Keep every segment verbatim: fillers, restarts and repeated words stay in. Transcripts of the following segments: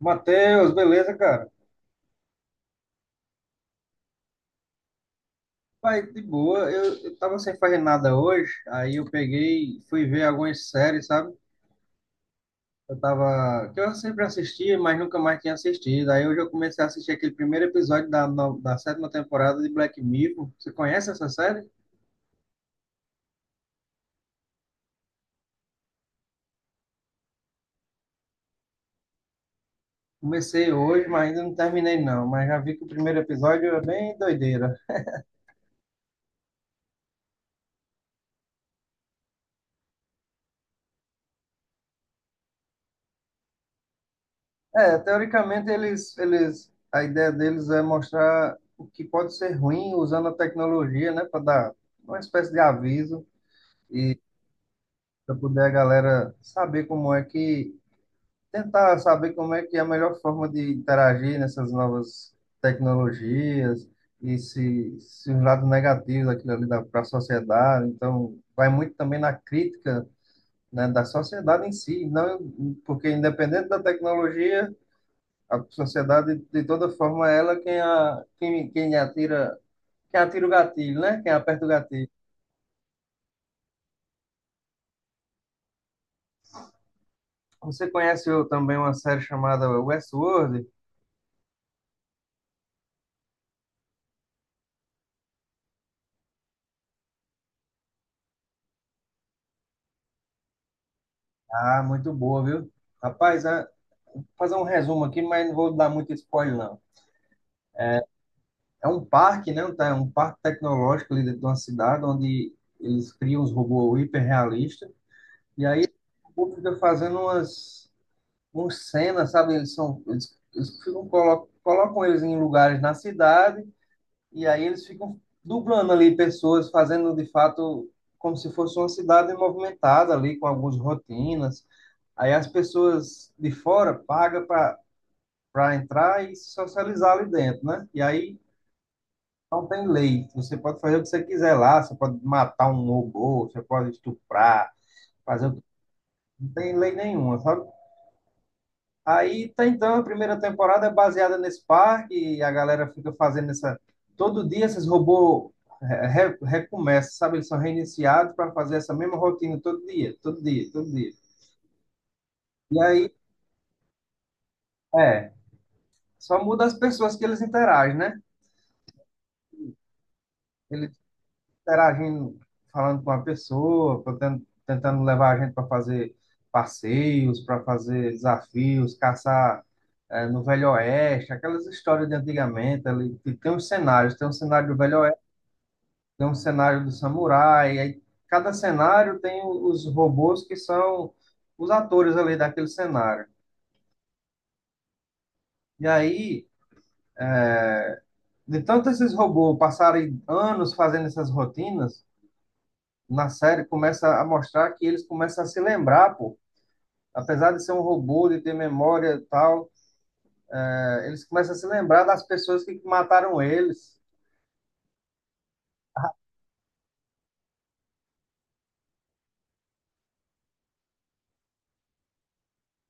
Matheus, beleza, cara? Pai, de boa. Eu, eu tava sem fazer nada hoje, aí eu peguei, fui ver algumas séries, sabe? Eu tava, que eu sempre assistia, mas nunca mais tinha assistido. Aí hoje eu comecei a assistir aquele primeiro episódio da, no- da sétima temporada de Black Mirror. Você conhece essa série? Comecei hoje, mas ainda não terminei não, mas já vi que o primeiro episódio é bem doideira. É, teoricamente eles, eles, a ideia deles é mostrar o que pode ser ruim usando a tecnologia, né, para dar uma espécie de aviso. E para poder a galera saber como é que tentar saber como é que é a melhor forma de interagir nessas novas tecnologias e se, se os lados negativos daquilo ali para a sociedade. Então, vai muito também na crítica, né, da sociedade em si, não porque independente da tecnologia, a sociedade de toda forma é ela quem a, quem, quem atira quem atira o gatilho, né? Quem aperta o gatilho. Você conhece eu, também uma série chamada Westworld. Ah, muito boa, viu? Rapaz, ah, vou fazer um resumo aqui, mas não vou dar muito spoiler, não. É um parque, né? Tá? É um parque tecnológico ali dentro de uma cidade, onde eles criam os robôs hiperrealistas. E aí o povo fica fazendo umas, umas cenas, sabe? Eles são, eles, eles ficam, colo- colocam eles em lugares na cidade, e aí eles ficam dublando ali pessoas, fazendo de fato como se fosse uma cidade movimentada ali, com algumas rotinas. Aí as pessoas de fora pagam para entrar e se socializar ali dentro, né? E aí não tem lei. Você pode fazer o que você quiser lá, você pode matar um robô, você pode estuprar, fazer o que. Não tem lei nenhuma, sabe? Aí tá, então a primeira temporada é baseada nesse parque e a galera fica fazendo essa, todo dia esses robôs re- recomeçam, sabe? Eles são reiniciados para fazer essa mesma rotina todo dia, todo dia, todo dia. E aí, é, só muda as pessoas que eles interagem, né? Ele interagindo, falando com a pessoa, tentando, tentando levar a gente para fazer passeios, para fazer desafios, caçar eh, no Velho Oeste, aquelas histórias de antigamente, ali, que tem uns cenários, tem um cenário do Velho Oeste, tem um cenário do samurai, aí cada cenário tem o- os robôs que são os atores ali daquele cenário. E aí, de tanto esses robôs passarem anos fazendo essas rotinas, na série começa a mostrar que eles começam a se lembrar, pô, apesar de ser um robô, de ter memória e tal, é, eles começam a se lembrar das pessoas que mataram eles,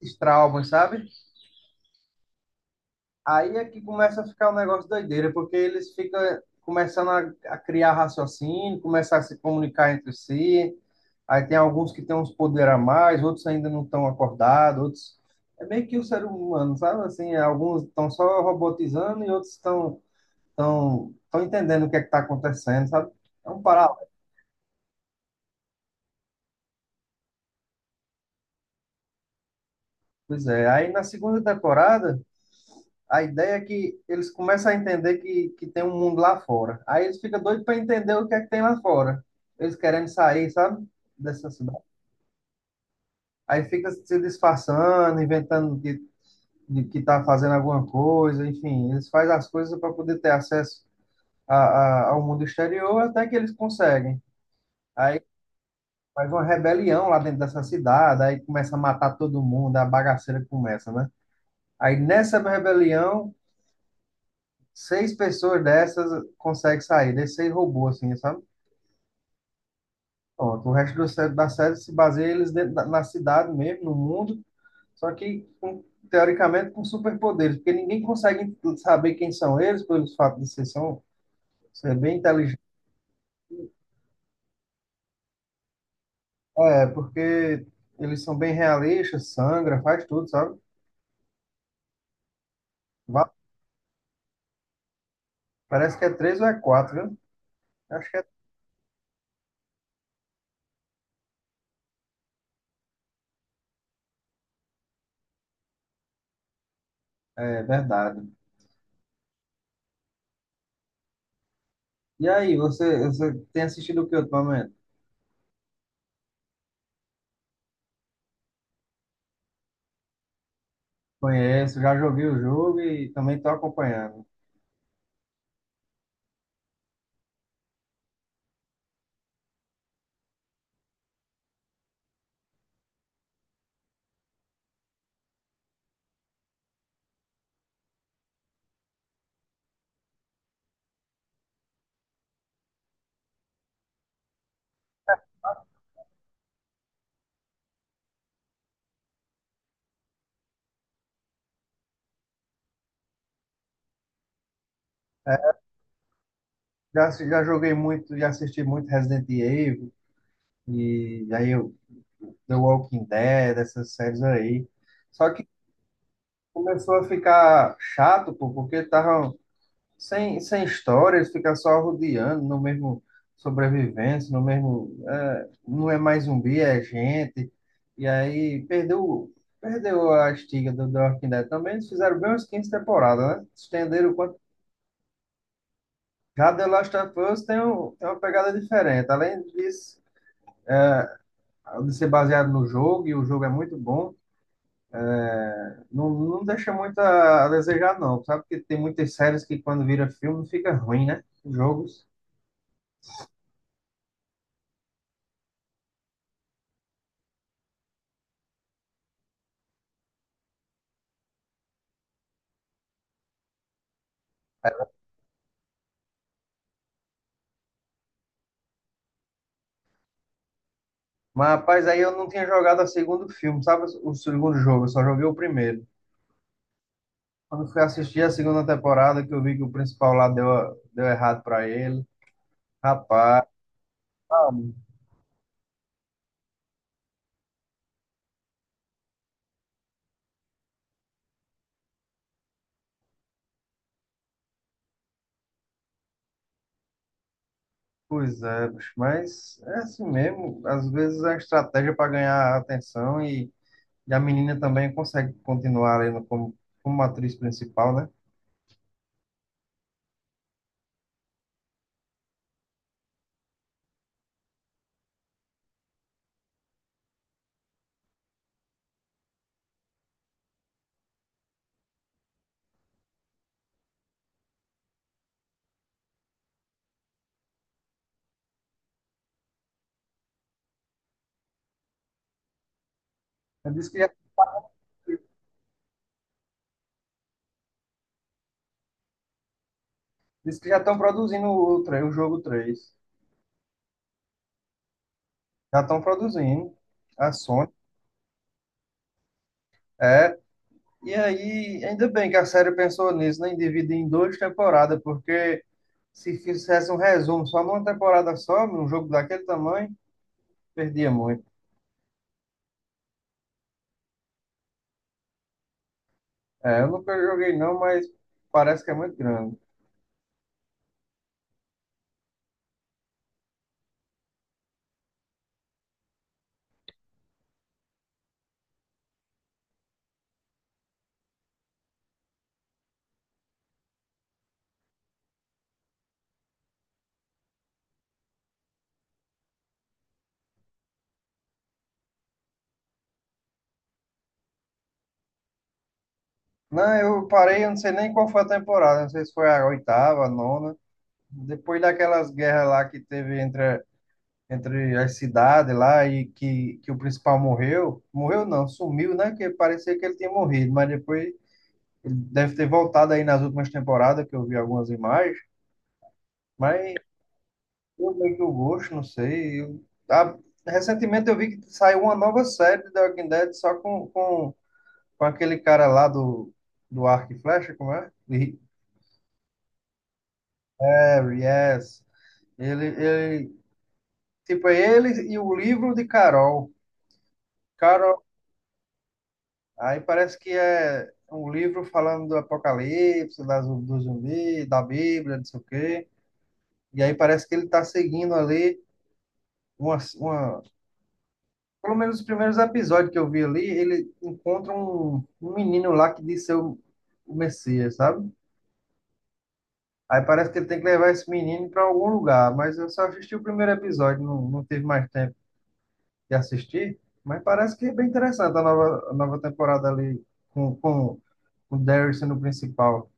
esses traumas, sabe? Aí é que começa a ficar um negócio doideira, porque eles ficam começando a, a criar raciocínio, começam a se comunicar entre si. Aí tem alguns que têm uns poderes a mais, outros ainda não estão acordados, outros. É meio que o ser humano, sabe? Assim, alguns estão só robotizando e outros estão estão entendendo o que é que está acontecendo, sabe? É um paralelo. Pois é. Aí na segunda temporada, a ideia é que eles começam a entender que, que tem um mundo lá fora. Aí eles ficam doidos para entender o que é que tem lá fora. Eles querendo sair, sabe? Dessa cidade. Aí fica se disfarçando, inventando que, de que tá fazendo alguma coisa, enfim. Eles fazem as coisas para poder ter acesso a, a, ao mundo exterior até que eles conseguem. Aí faz uma rebelião lá dentro dessa cidade, aí começa a matar todo mundo, a bagaceira começa, né? Aí nessa rebelião, seis pessoas dessas conseguem sair, desses seis robôs, assim, sabe? Pronto, o resto do, sé- da série se baseia eles dentro da, na cidade mesmo, no mundo, só que, com, teoricamente, com superpoderes, porque ninguém consegue saber quem são eles, pelo fato de ser, são, ser, bem inteligentes. É, porque eles são bem realistas, sangra, faz tudo, sabe? Va- Parece que é três ou é quatro, viu? Acho que é. É verdade. E aí, você, você tem assistido o que ultimamente? Conheço, já joguei o jogo e também estou acompanhando. Já, já joguei muito, já assisti muito Resident Evil e aí eu, The Walking Dead, essas séries aí. Só que começou a ficar chato, pô, porque tava sem, sem história, eles ficam só rodeando no mesmo, sobrevivência, no mesmo. É, não é mais zumbi, é gente. E aí perdeu, perdeu a estiga do The Walking Dead também. Eles fizeram bem umas quinze temporadas, né? Estenderam o quanto. Já The Last of Us tem, um, tem uma pegada diferente. Além disso, de ser baseado no jogo, e o jogo é muito bom, não, não deixa muito a desejar, não. Sabe que tem muitas séries que quando vira filme fica ruim, né? Os Jogos. Mas, rapaz, aí eu não tinha jogado o segundo filme, sabe? O segundo jogo, eu só joguei o primeiro. Quando fui assistir a segunda temporada, que eu vi que o principal lá deu, deu errado pra ele. Rapaz, ah, pois é, bicho, mas é assim mesmo. Às vezes é uma estratégia para ganhar atenção e, e a menina também consegue continuar ali no- como, como atriz principal, né? Então, Diz que já, diz que já estão produzindo o, tre- o jogo três. Já estão produzindo. A Sony. É. E aí, ainda bem que a série pensou nisso, né? Em dividir em duas temporadas, porque se fizesse um resumo só numa temporada só, num jogo daquele tamanho, perdia muito. É, eu nunca joguei não, mas parece que é muito grande. Não, eu parei, eu não sei nem qual foi a temporada, não sei se foi a oitava, a nona. Depois daquelas guerras lá que teve entre entre as cidades lá e que, que o principal morreu. Morreu não, sumiu, né? Que parecia que ele tinha morrido, mas depois ele deve ter voltado aí nas últimas temporadas, que eu vi algumas imagens, mas eu meio que eu gosto, não sei. Eu, ah, Recentemente eu vi que saiu uma nova série de The Walking Dead só com, com, com aquele cara lá do, do Arco e Flecha, como é? Ri- É, Yes. Ele, ele, tipo, é ele e o livro de Carol. Carol Aí parece que é um livro falando do Apocalipse, das, do zumbi, da Bíblia, não sei o quê. E aí parece que ele está seguindo ali uma, uma... Pelo menos os primeiros episódios que eu vi ali, ele encontra um, um menino lá que diz ser o, o Messias, sabe? Aí parece que ele tem que levar esse menino para algum lugar, mas eu só assisti o primeiro episódio, não, não tive mais tempo de assistir. Mas parece que é bem interessante a nova, a nova temporada ali com, com, com o Darius sendo o principal.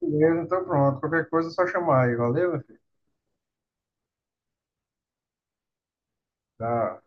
Beleza, então pronto. Qualquer coisa é só chamar aí. Valeu, meu filho. Tá.